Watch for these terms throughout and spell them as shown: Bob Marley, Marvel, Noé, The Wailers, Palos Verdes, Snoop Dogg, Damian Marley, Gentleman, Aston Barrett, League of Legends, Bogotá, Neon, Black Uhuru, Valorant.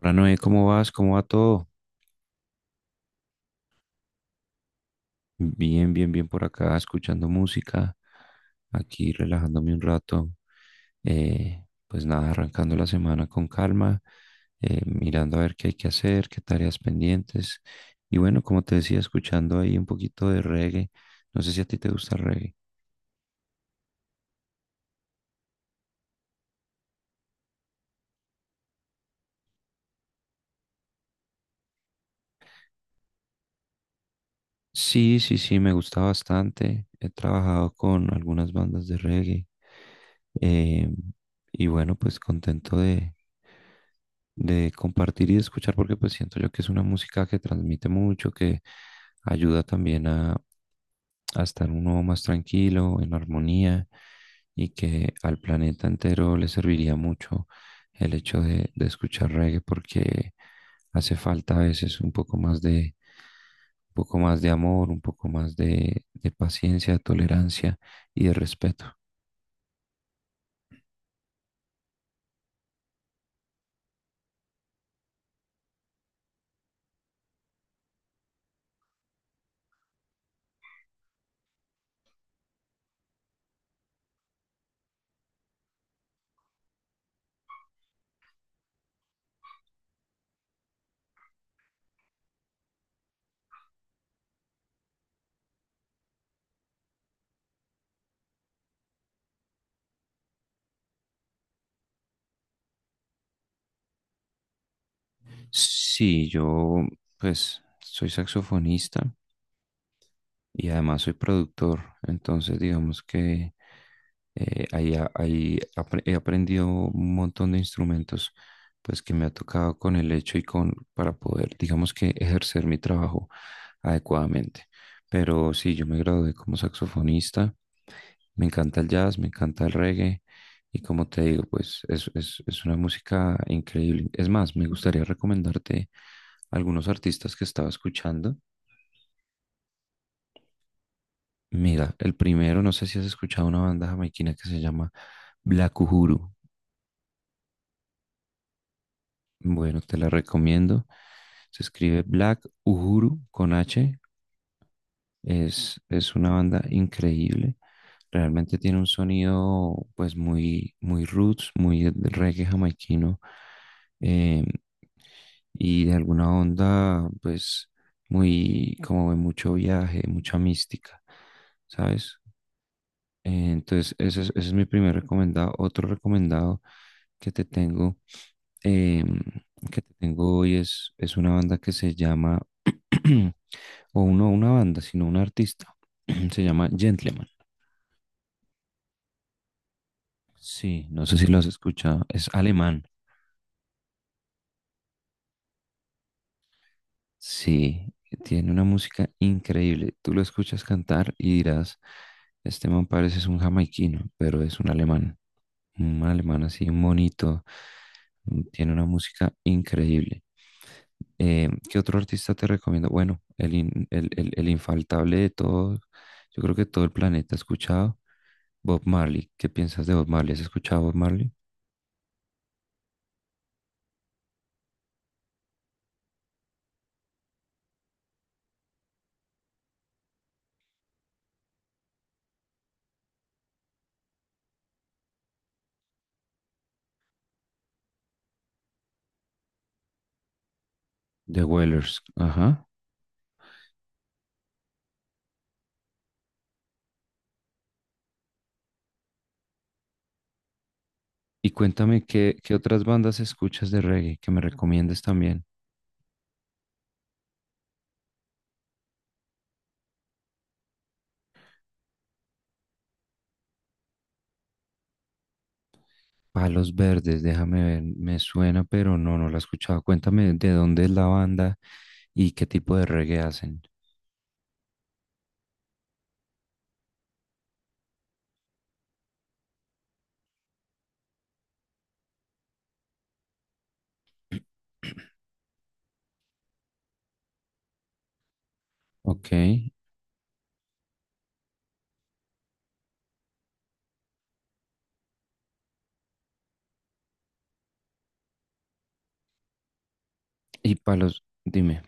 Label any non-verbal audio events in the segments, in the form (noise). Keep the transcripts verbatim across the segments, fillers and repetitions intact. Hola Noé, ¿cómo vas? ¿Cómo va todo? Bien, bien, bien por acá, escuchando música, aquí relajándome un rato. Eh, pues nada, arrancando la semana con calma, eh, mirando a ver qué hay que hacer, qué tareas pendientes. Y bueno, como te decía, escuchando ahí un poquito de reggae. No sé si a ti te gusta el reggae. Sí, sí, sí, me gusta bastante. He trabajado con algunas bandas de reggae. eh, y bueno, pues contento de, de compartir y de escuchar, porque pues siento yo que es una música que transmite mucho, que ayuda también a, a estar uno más tranquilo, en armonía, y que al planeta entero le serviría mucho el hecho de, de escuchar reggae, porque hace falta a veces un poco más de, un poco más de amor, un poco más de, de paciencia, de tolerancia y de respeto. Sí, yo pues soy saxofonista y además soy productor, entonces digamos que eh, ahí, a- ahí apre- he aprendido un montón de instrumentos pues que me ha tocado con el hecho y con para poder digamos que ejercer mi trabajo adecuadamente. Pero sí, yo me gradué como saxofonista, me encanta el jazz, me encanta el reggae y como te digo, pues es, es, es una música increíble. Es más, me gustaría recomendarte algunos artistas que estaba escuchando. Mira, el primero, no sé si has escuchado una banda jamaiquina que se llama Black Uhuru. Bueno, te la recomiendo. Se escribe Black Uhuru con H. Es, es una banda increíble. Realmente tiene un sonido pues muy, muy roots, muy de de reggae jamaiquino. eh, y de alguna onda pues muy como de mucho viaje, mucha mística, ¿sabes? Eh, Entonces, ese es, ese es mi primer recomendado. Otro recomendado que te tengo, em, que te tengo hoy es, es una banda que se llama, (clears throat) o no una banda, sino un artista. (clears throat) Se llama Gentleman. Sí, no sé si lo has escuchado. Es alemán. Sí, tiene una música increíble. Tú lo escuchas cantar y dirás, este man parece es un jamaiquino, pero es un alemán. Un alemán así, un monito. Tiene una música increíble. Eh, ¿qué otro artista te recomiendo? Bueno, el, in- el, el- el infaltable de todos, yo creo que todo el planeta ha escuchado, Bob Marley. ¿Qué piensas de Bob Marley? ¿Has escuchado Bob Marley? The Wailers, ajá. Y cuéntame, ¿qué, ¿qué otras bandas escuchas de reggae que me recomiendes también? Palos Verdes, déjame ver, me suena, pero no, no la he escuchado. Cuéntame de dónde es la banda y qué tipo de reggae hacen. Ok, y Palos, dime.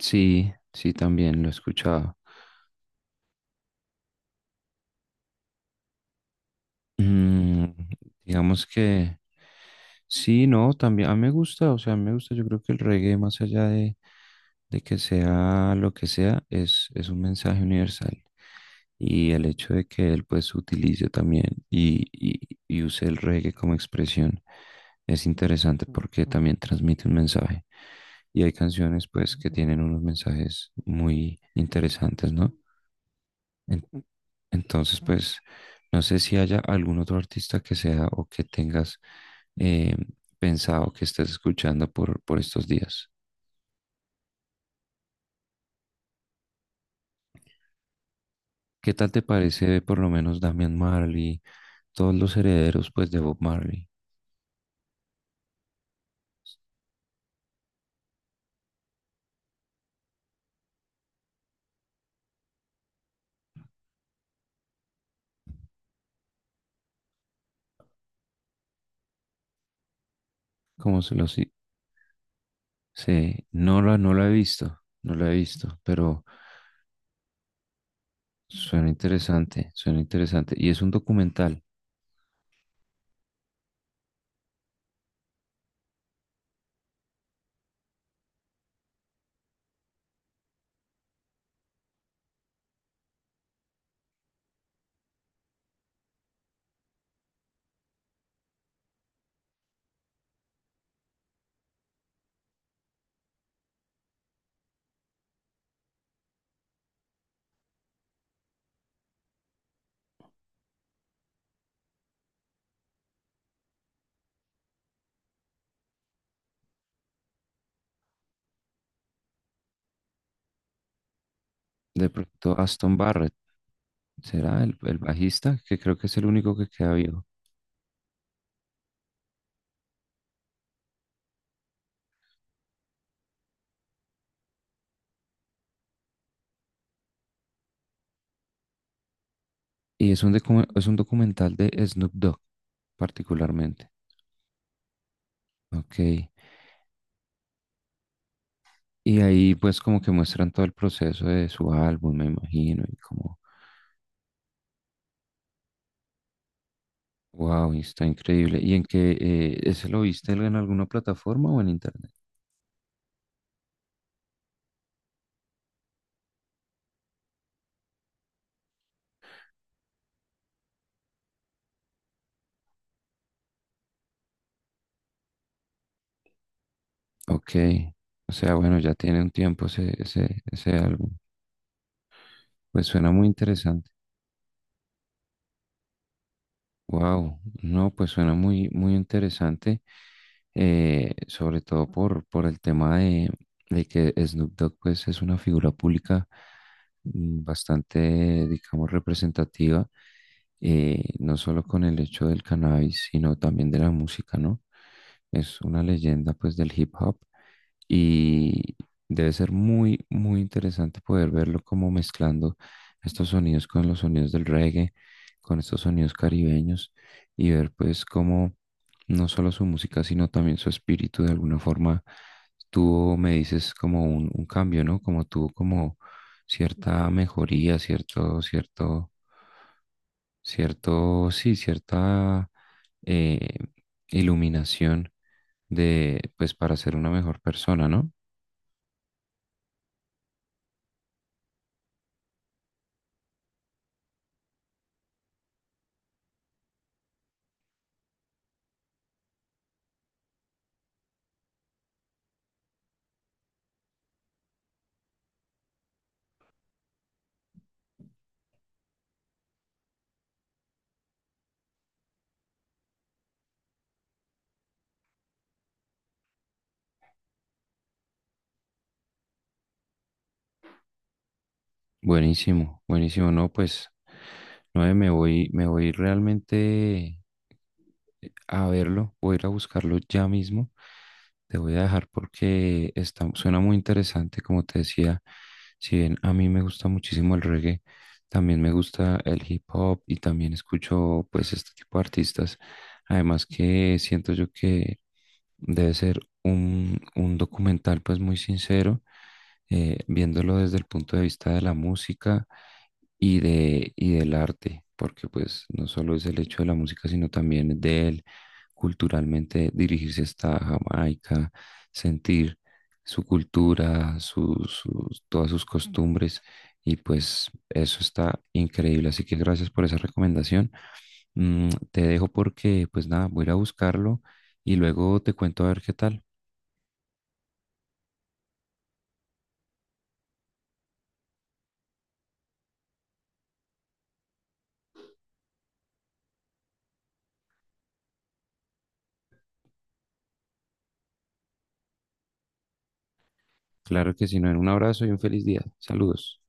Sí, sí, también lo he escuchado. Mm, digamos que sí, no, también a mí me gusta, o sea, a mí me gusta, yo creo que el reggae, más allá de, de que sea lo que sea, es, es un mensaje universal. Y el hecho de que él pues utilice también y, y, y use el reggae como expresión es interesante porque también transmite un mensaje. Y hay canciones pues que tienen unos mensajes muy interesantes, ¿no? En- entonces pues no sé si haya algún otro artista que sea o que tengas eh, pensado que estés escuchando por, por estos días. ¿Qué tal te parece por lo menos Damian Marley, todos los herederos pues de Bob Marley? ¿Cómo se los... i- Sí. No la, no la he visto, no la he visto, pero suena interesante, suena interesante. Y es un documental, de pronto Aston Barrett, será el, el bajista, que creo que es el único que queda vivo. Y es un, docu- es un documental de Snoop Dogg, particularmente. Ok. Y ahí pues como que muestran todo el proceso de su álbum, me imagino, y como, wow, está increíble. ¿Y en qué, eh, ese lo viste en alguna plataforma o en internet? Ok, o sea, bueno, ya tiene un tiempo ese, ese, ese álbum. Pues suena muy interesante. Wow, no, pues suena muy, muy interesante, eh, sobre todo por, por el tema de, de que Snoop Dogg pues, es una figura pública mm, bastante, digamos, representativa, eh, no solo con el hecho del cannabis, sino también de la música, ¿no? Es una leyenda pues del hip hop y debe ser muy, muy interesante poder verlo como mezclando estos sonidos con los sonidos del reggae con estos sonidos caribeños y ver pues cómo no solo su música, sino también su espíritu de alguna forma tuvo, me dices, como un, un cambio, ¿no? Como tuvo como cierta mejoría, cierto, cierto, cierto, sí, cierta eh, iluminación de, pues para ser una mejor persona, ¿no? Buenísimo, buenísimo, ¿no? Pues, no, eh, me voy, me voy realmente a verlo, voy a ir a buscarlo ya mismo. Te voy a dejar porque está, suena muy interesante, como te decía, si bien a mí me gusta muchísimo el reggae, también me gusta el hip hop y también escucho pues este tipo de artistas. Además que siento yo que debe ser un, un documental pues muy sincero, eh, viéndolo desde el punto de vista de la música y de, y del arte, porque pues no solo es el hecho de la música, sino también de él culturalmente dirigirse hasta Jamaica, sentir su cultura, su- sus, todas sus costumbres y pues eso está increíble. Así que gracias por esa recomendación. Mm, te dejo porque, pues nada, voy a ir a buscarlo y luego te cuento a ver qué tal. Claro que si no, un abrazo y un feliz día. Saludos.